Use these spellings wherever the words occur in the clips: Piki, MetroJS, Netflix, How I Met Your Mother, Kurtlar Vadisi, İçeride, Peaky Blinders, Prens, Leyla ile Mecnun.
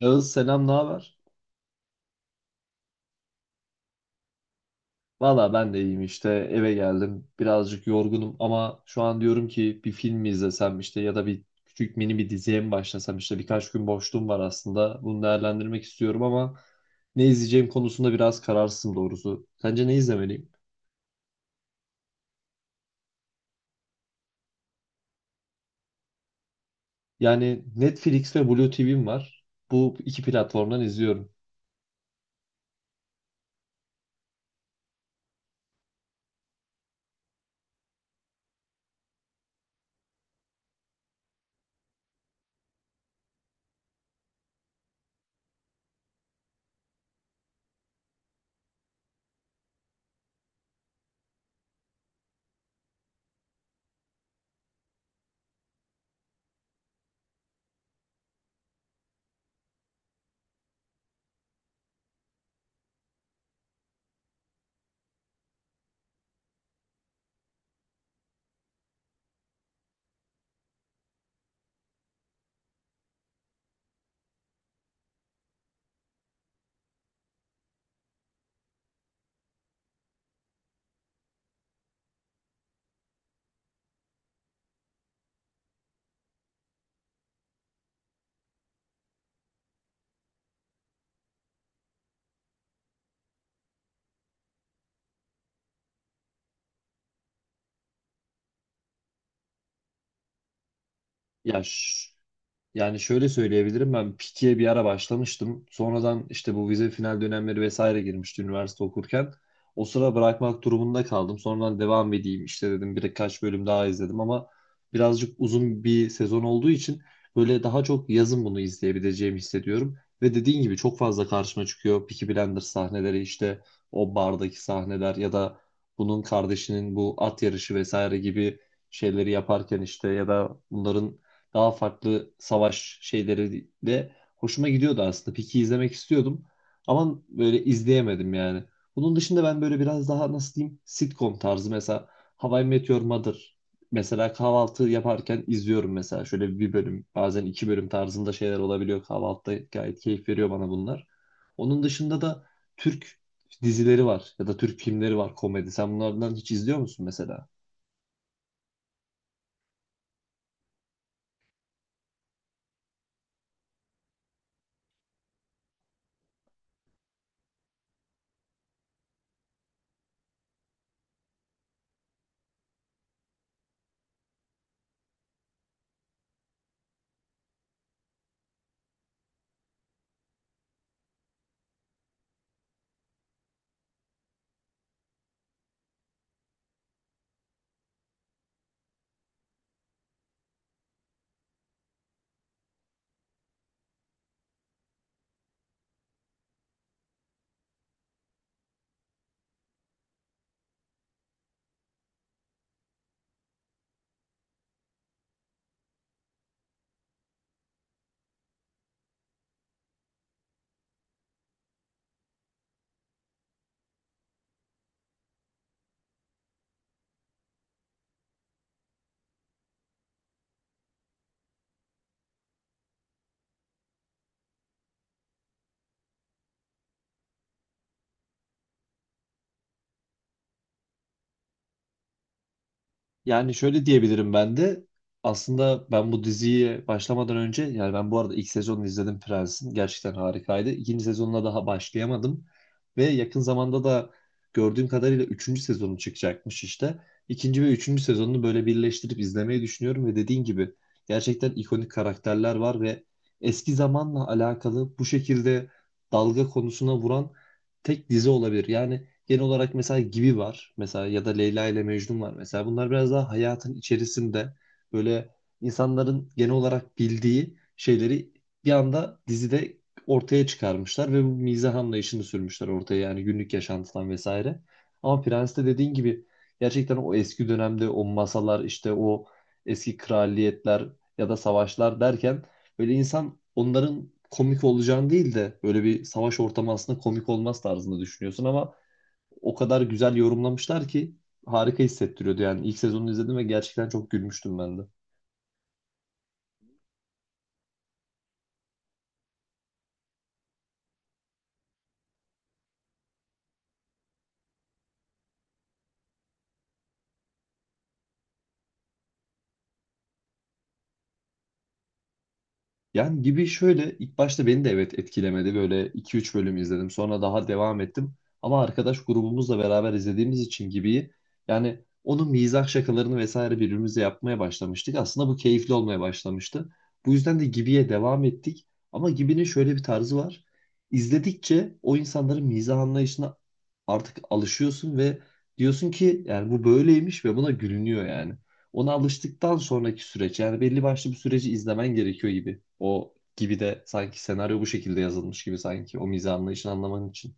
Yağız, selam, ne haber? Valla ben de iyiyim işte, eve geldim, birazcık yorgunum ama şu an diyorum ki bir film mi izlesem işte ya da bir küçük mini bir diziye mi başlasam, işte birkaç gün boşluğum var, aslında bunu değerlendirmek istiyorum ama ne izleyeceğim konusunda biraz kararsızım doğrusu. Sence ne izlemeliyim? Yani Netflix ve Blue TV'm var, bu iki platformdan izliyorum. Ya ş- Yani şöyle söyleyebilirim, ben Piki'ye bir ara başlamıştım. Sonradan işte bu vize final dönemleri vesaire girmişti üniversite okurken. O sıra bırakmak durumunda kaldım. Sonradan devam edeyim işte dedim, birkaç bölüm daha izledim ama birazcık uzun bir sezon olduğu için böyle daha çok yazın bunu izleyebileceğimi hissediyorum. Ve dediğin gibi çok fazla karşıma çıkıyor Peaky Blinders sahneleri, işte o bardaki sahneler ya da bunun kardeşinin bu at yarışı vesaire gibi şeyleri yaparken işte, ya da bunların daha farklı savaş şeyleri de hoşuma gidiyordu aslında. Peak'i izlemek istiyordum ama böyle izleyemedim yani. Bunun dışında ben böyle biraz daha nasıl diyeyim, sitcom tarzı, mesela How I Met Your Mother mesela, kahvaltı yaparken izliyorum, mesela şöyle bir bölüm bazen 2 bölüm tarzında şeyler olabiliyor, kahvaltıda gayet keyif veriyor bana bunlar. Onun dışında da Türk dizileri var ya da Türk filmleri var, komedi. Sen bunlardan hiç izliyor musun mesela? Yani şöyle diyebilirim ben de. Aslında ben bu diziye başlamadan önce, yani ben bu arada ilk sezonunu izledim Prens'in. Gerçekten harikaydı. İkinci sezonuna daha başlayamadım. Ve yakın zamanda da gördüğüm kadarıyla üçüncü sezonu çıkacakmış işte. İkinci ve üçüncü sezonunu böyle birleştirip izlemeyi düşünüyorum ve dediğin gibi gerçekten ikonik karakterler var ve eski zamanla alakalı bu şekilde dalga konusuna vuran tek dizi olabilir. Yani genel olarak mesela Gibi var. Mesela ya da Leyla ile Mecnun var. Mesela bunlar biraz daha hayatın içerisinde böyle insanların genel olarak bildiği şeyleri bir anda dizide ortaya çıkarmışlar ve bu mizah anlayışını sürmüşler ortaya, yani günlük yaşantıdan vesaire. Ama Prens'te dediğin gibi gerçekten o eski dönemde o masalar işte, o eski kraliyetler ya da savaşlar derken, böyle insan onların komik olacağını değil de böyle bir savaş ortamı aslında komik olmaz tarzında düşünüyorsun ama o kadar güzel yorumlamışlar ki harika hissettiriyordu yani. İlk sezonu izledim ve gerçekten çok gülmüştüm ben de. Yani gibi şöyle, ilk başta beni de evet etkilemedi. Böyle 2 3 bölüm izledim. Sonra daha devam ettim. Ama arkadaş grubumuzla beraber izlediğimiz için gibi, yani onun mizah şakalarını vesaire birbirimize yapmaya başlamıştık. Aslında bu keyifli olmaya başlamıştı. Bu yüzden de Gibi'ye devam ettik. Ama Gibi'nin şöyle bir tarzı var. İzledikçe o insanların mizah anlayışına artık alışıyorsun ve diyorsun ki yani bu böyleymiş ve buna gülünüyor, yani ona alıştıktan sonraki süreç, yani belli başlı bir süreci izlemen gerekiyor gibi. O gibi de sanki senaryo bu şekilde yazılmış gibi, sanki o mizah anlayışını anlaman için.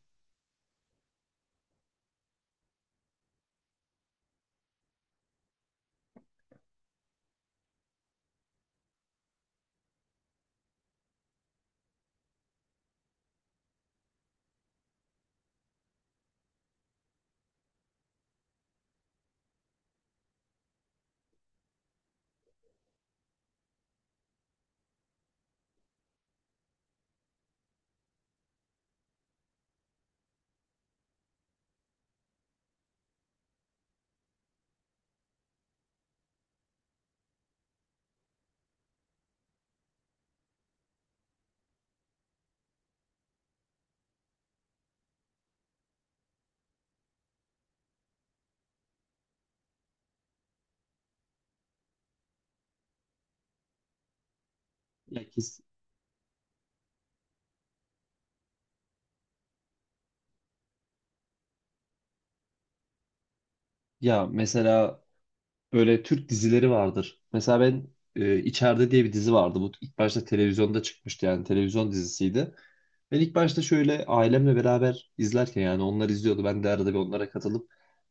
Ya, kes- ya mesela, böyle Türk dizileri vardır. Mesela ben İçeride diye bir dizi vardı. Bu ilk başta televizyonda çıkmıştı, yani televizyon dizisiydi. Ben ilk başta şöyle ailemle beraber izlerken, yani onlar izliyordu. Ben de arada bir onlara katılıp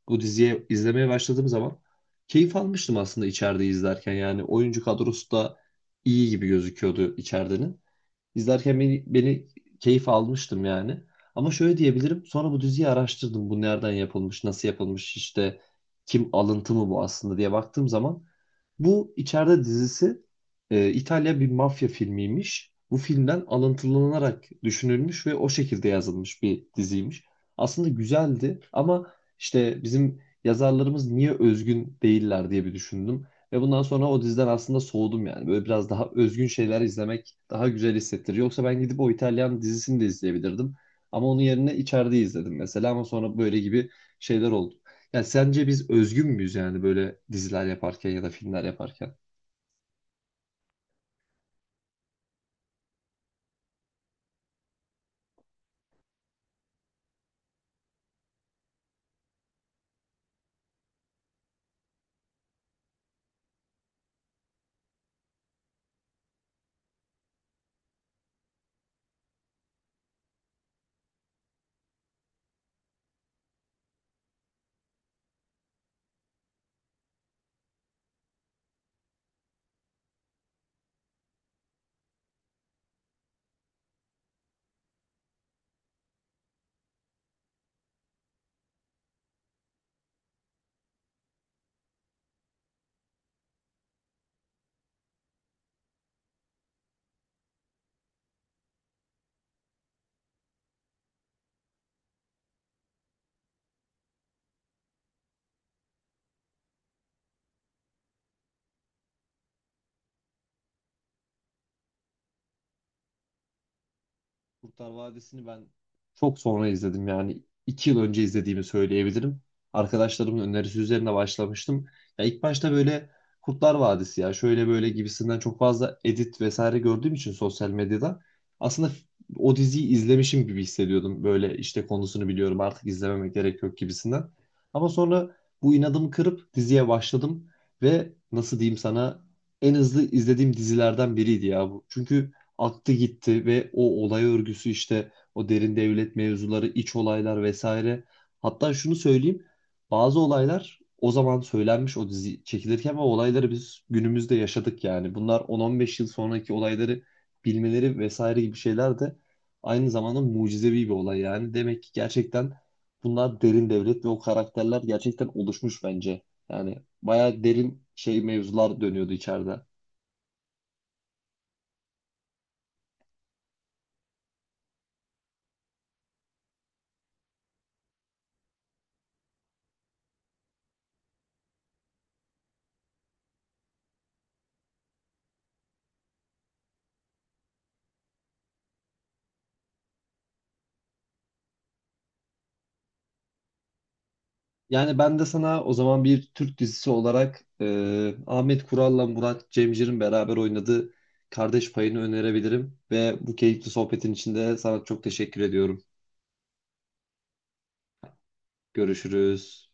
bu diziye izlemeye başladığım zaman keyif almıştım aslında İçeride izlerken. Yani oyuncu kadrosu da iyi gibi gözüküyordu içeride. İzlerken beni keyif almıştım yani. Ama şöyle diyebilirim. Sonra bu diziyi araştırdım. Bu nereden yapılmış, nasıl yapılmış, işte kim, alıntı mı bu aslında diye baktığım zaman bu içeride dizisi İtalya bir mafya filmiymiş. Bu filmden alıntılanarak düşünülmüş ve o şekilde yazılmış bir diziymiş. Aslında güzeldi ama işte bizim yazarlarımız niye özgün değiller diye bir düşündüm. Ve bundan sonra o diziden aslında soğudum yani. Böyle biraz daha özgün şeyler izlemek daha güzel hissettiriyor. Yoksa ben gidip o İtalyan dizisini de izleyebilirdim. Ama onun yerine içeride izledim mesela, ama sonra böyle gibi şeyler oldu. Yani sence biz özgün müyüz yani, böyle diziler yaparken ya da filmler yaparken? Kurtlar Vadisi'ni ben çok sonra izledim, yani 2 yıl önce izlediğimi söyleyebilirim. Arkadaşlarımın önerisi üzerine başlamıştım. Ya ilk başta böyle Kurtlar Vadisi ya şöyle böyle gibisinden çok fazla edit vesaire gördüğüm için sosyal medyada, aslında o diziyi izlemişim gibi hissediyordum. Böyle işte konusunu biliyorum artık, izlememe gerek yok gibisinden. Ama sonra bu inadımı kırıp diziye başladım ve nasıl diyeyim sana, en hızlı izlediğim dizilerden biriydi ya bu. Çünkü attı gitti ve o olay örgüsü işte, o derin devlet mevzuları, iç olaylar vesaire. Hatta şunu söyleyeyim. Bazı olaylar o zaman söylenmiş o dizi çekilirken ve olayları biz günümüzde yaşadık yani. Bunlar 10-15 yıl sonraki olayları bilmeleri vesaire gibi şeyler de aynı zamanda mucizevi bir olay yani. Demek ki gerçekten bunlar derin devlet ve o karakterler gerçekten oluşmuş bence. Yani bayağı derin şey mevzular dönüyordu içeride. Yani ben de sana o zaman bir Türk dizisi olarak Ahmet Kural'la Murat Cemcir'in beraber oynadığı Kardeş Payı'nı önerebilirim. Ve bu keyifli sohbetin içinde sana çok teşekkür ediyorum. Görüşürüz.